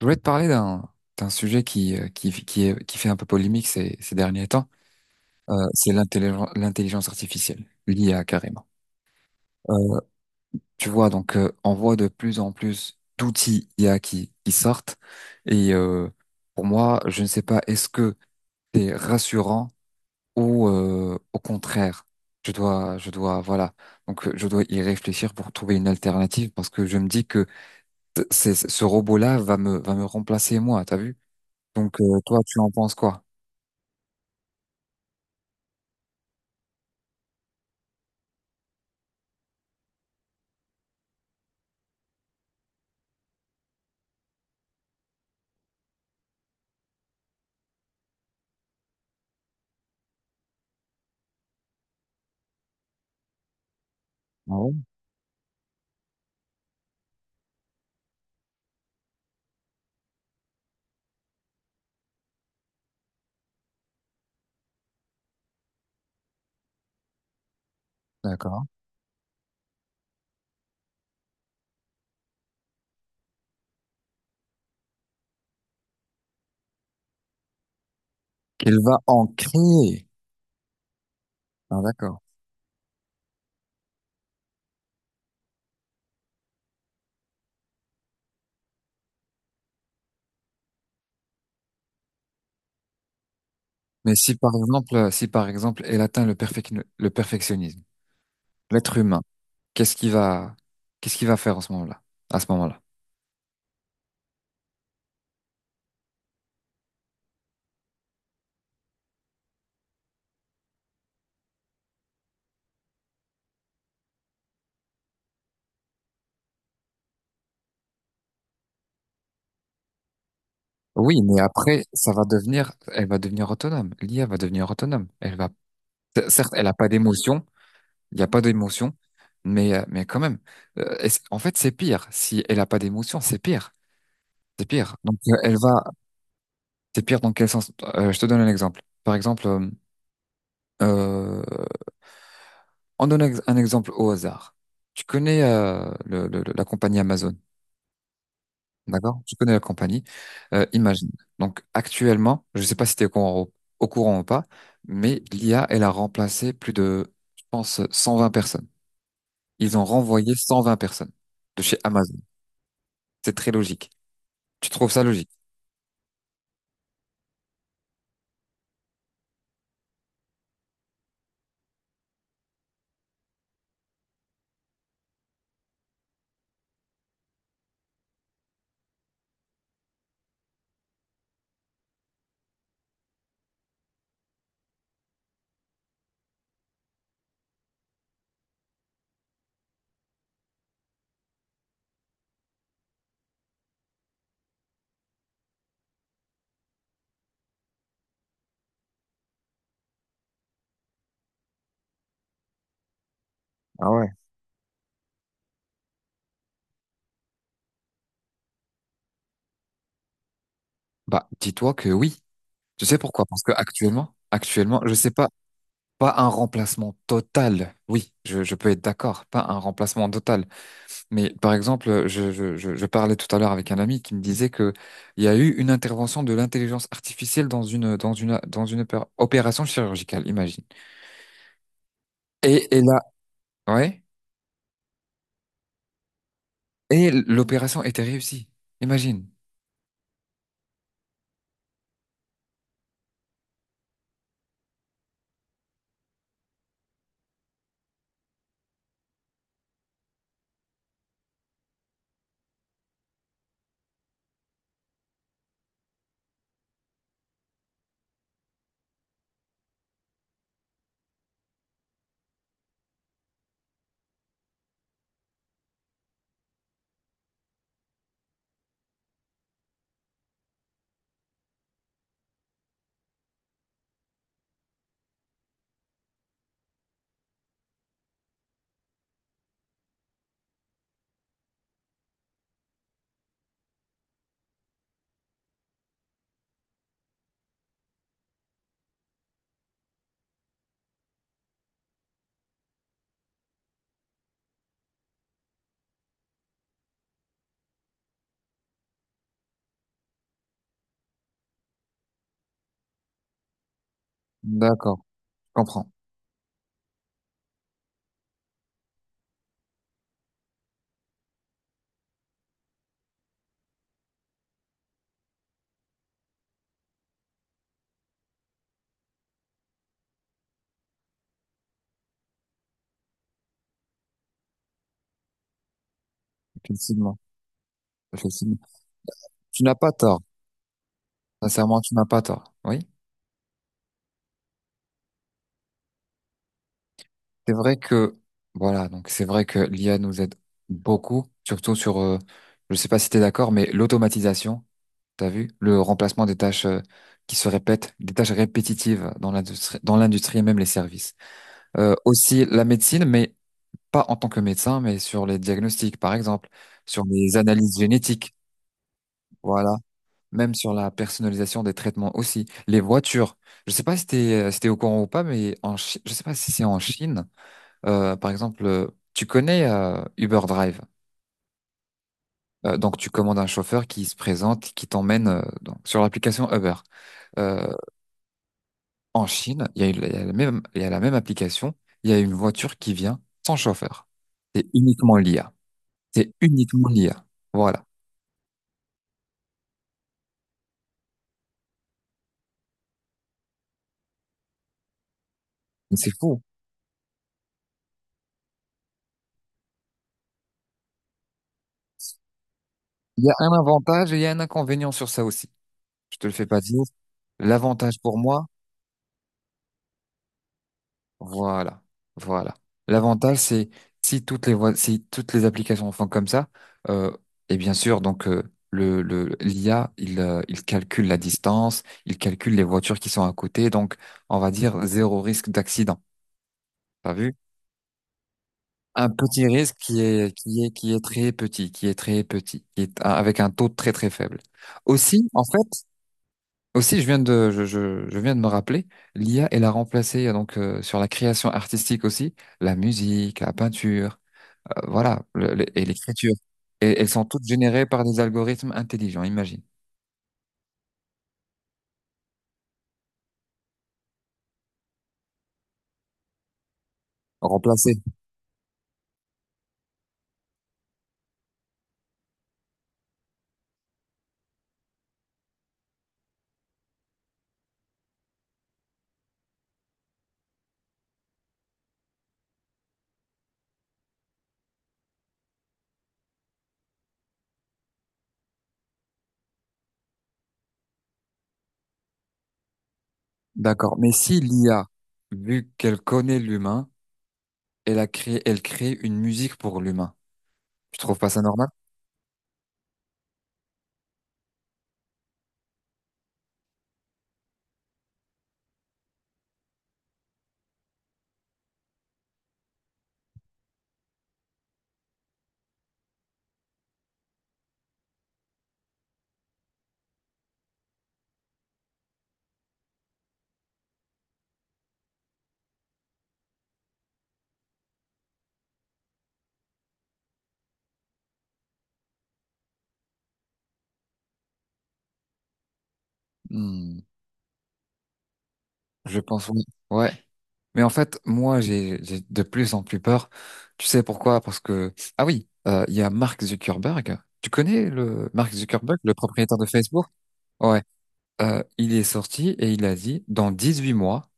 Je voulais te parler d'un sujet qui fait un peu polémique ces derniers temps. C'est l'intelligence artificielle, l'IA carrément. Euh, tu vois, donc on voit de plus en plus d'outils IA qui sortent. Et pour moi, je ne sais pas, est-ce que c'est rassurant ou au contraire, voilà, donc je dois y réfléchir pour trouver une alternative parce que je me dis que c'est, ce robot-là va me remplacer moi, t'as vu? Donc, toi, tu en penses quoi? Ah ouais, d'accord. Il va en créer. Ah, d'accord. Mais si par exemple, elle atteint le perfectionnisme, l'être humain, qu'est-ce qu'il va, qu'est-ce qu'il va faire en ce moment-là, à ce moment-là? Oui, mais après, elle va devenir autonome. L'IA va devenir autonome. Elle va. Certes, elle n'a pas d'émotion, il n'y a pas d'émotion, mais quand même. En fait, c'est pire. Si elle n'a pas d'émotion, c'est pire. C'est pire. Donc, elle va, c'est pire dans quel sens? Je te donne un exemple. Par exemple, euh, en donnant un exemple au hasard. Tu connais la compagnie Amazon, d'accord? Tu connais la compagnie. Imagine. Donc actuellement, je ne sais pas si tu es au courant ou pas, mais l'IA, elle a remplacé plus de, je pense, 120 personnes. Ils ont renvoyé 120 personnes de chez Amazon. C'est très logique. Tu trouves ça logique? Ah ouais. Bah, dis-toi que oui. Tu sais pourquoi? Parce que actuellement, je sais pas, pas un remplacement total. Oui, je peux être d'accord, pas un remplacement total. Mais par exemple, je parlais tout à l'heure avec un ami qui me disait que il y a eu une intervention de l'intelligence artificielle dans une opération chirurgicale, imagine. Et là, ouais, et l'opération était réussie, imagine. D'accord, je comprends. Effectivement, effectivement. Tu n'as pas tort. Sincèrement, tu n'as pas tort. Oui, c'est vrai que voilà, donc c'est vrai que l'IA nous aide beaucoup, surtout sur, je sais pas si tu es d'accord, mais l'automatisation. T'as vu? Le remplacement des tâches qui se répètent, des tâches répétitives dans l'industrie et même les services. Aussi la médecine, mais pas en tant que médecin, mais sur les diagnostics, par exemple, sur les analyses génétiques, voilà. Même sur la personnalisation des traitements aussi. Les voitures. Je sais pas si t'es au courant ou pas, mais en je sais pas si c'est en Chine. Par exemple, tu connais Uber Drive. Donc tu commandes un chauffeur qui se présente, qui t'emmène donc, sur l'application Uber. Euh, En Chine, il y a la même application, il y a une voiture qui vient sans chauffeur. C'est uniquement l'IA. C'est uniquement l'IA. Voilà. Mais c'est fou. Il y a un avantage et il y a un inconvénient sur ça aussi. Je te le fais pas dire. L'avantage pour moi, voilà. Voilà. L'avantage, c'est si toutes si toutes les applications font comme ça, euh, et bien sûr, donc, l'IA, il calcule la distance, il calcule les voitures qui sont à côté, donc, on va dire zéro risque d'accident. T'as vu? Un petit risque qui est très petit, qui est très petit, avec un taux très très faible. Aussi, en fait, aussi, je viens de me rappeler, l'IA, elle a remplacé sur la création artistique aussi, la musique, la peinture, voilà, et l'écriture. Et elles sont toutes générées par des algorithmes intelligents, imagine. Remplacées. D'accord. Mais si l'IA, vu qu'elle connaît l'humain, elle crée une musique pour l'humain. Tu trouves pas ça normal? Hmm, je pense oui. Ouais. Mais en fait, moi, j'ai de plus en plus peur. Tu sais pourquoi? Parce que ah oui, il y a Mark Zuckerberg. Tu connais le Mark Zuckerberg, le propriétaire de Facebook? Ouais. Il est sorti et il a dit dans 18 mois,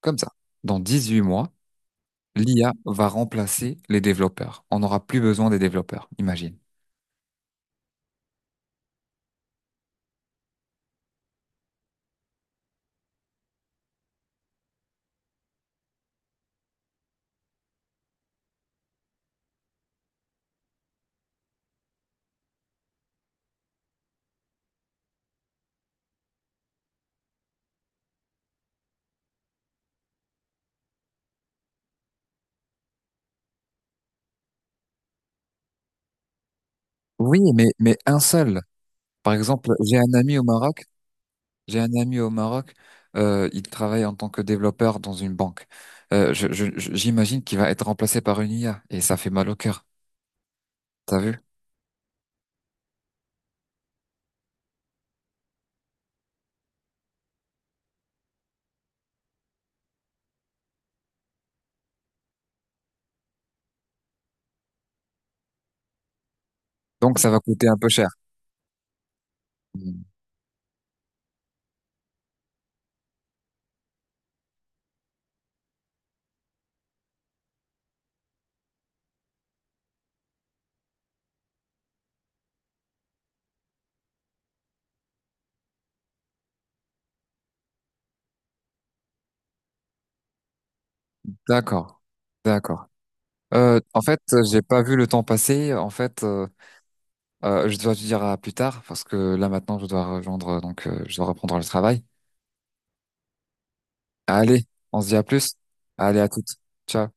comme ça, dans 18 mois, l'IA va remplacer les développeurs. On n'aura plus besoin des développeurs, imagine. Oui, mais un seul. Par exemple, j'ai un ami au Maroc. J'ai un ami au Maroc. Il travaille en tant que développeur dans une banque. J'imagine qu'il va être remplacé par une IA et ça fait mal au cœur. T'as vu? Donc ça va coûter un peu cher. Mm. D'accord, d'accord. En fait, j'ai pas vu le temps passer. En fait, je dois te dire à plus tard parce que là maintenant, je dois rejoindre. Donc, je dois reprendre le travail. Allez, on se dit à plus. Allez, à toutes. Ciao.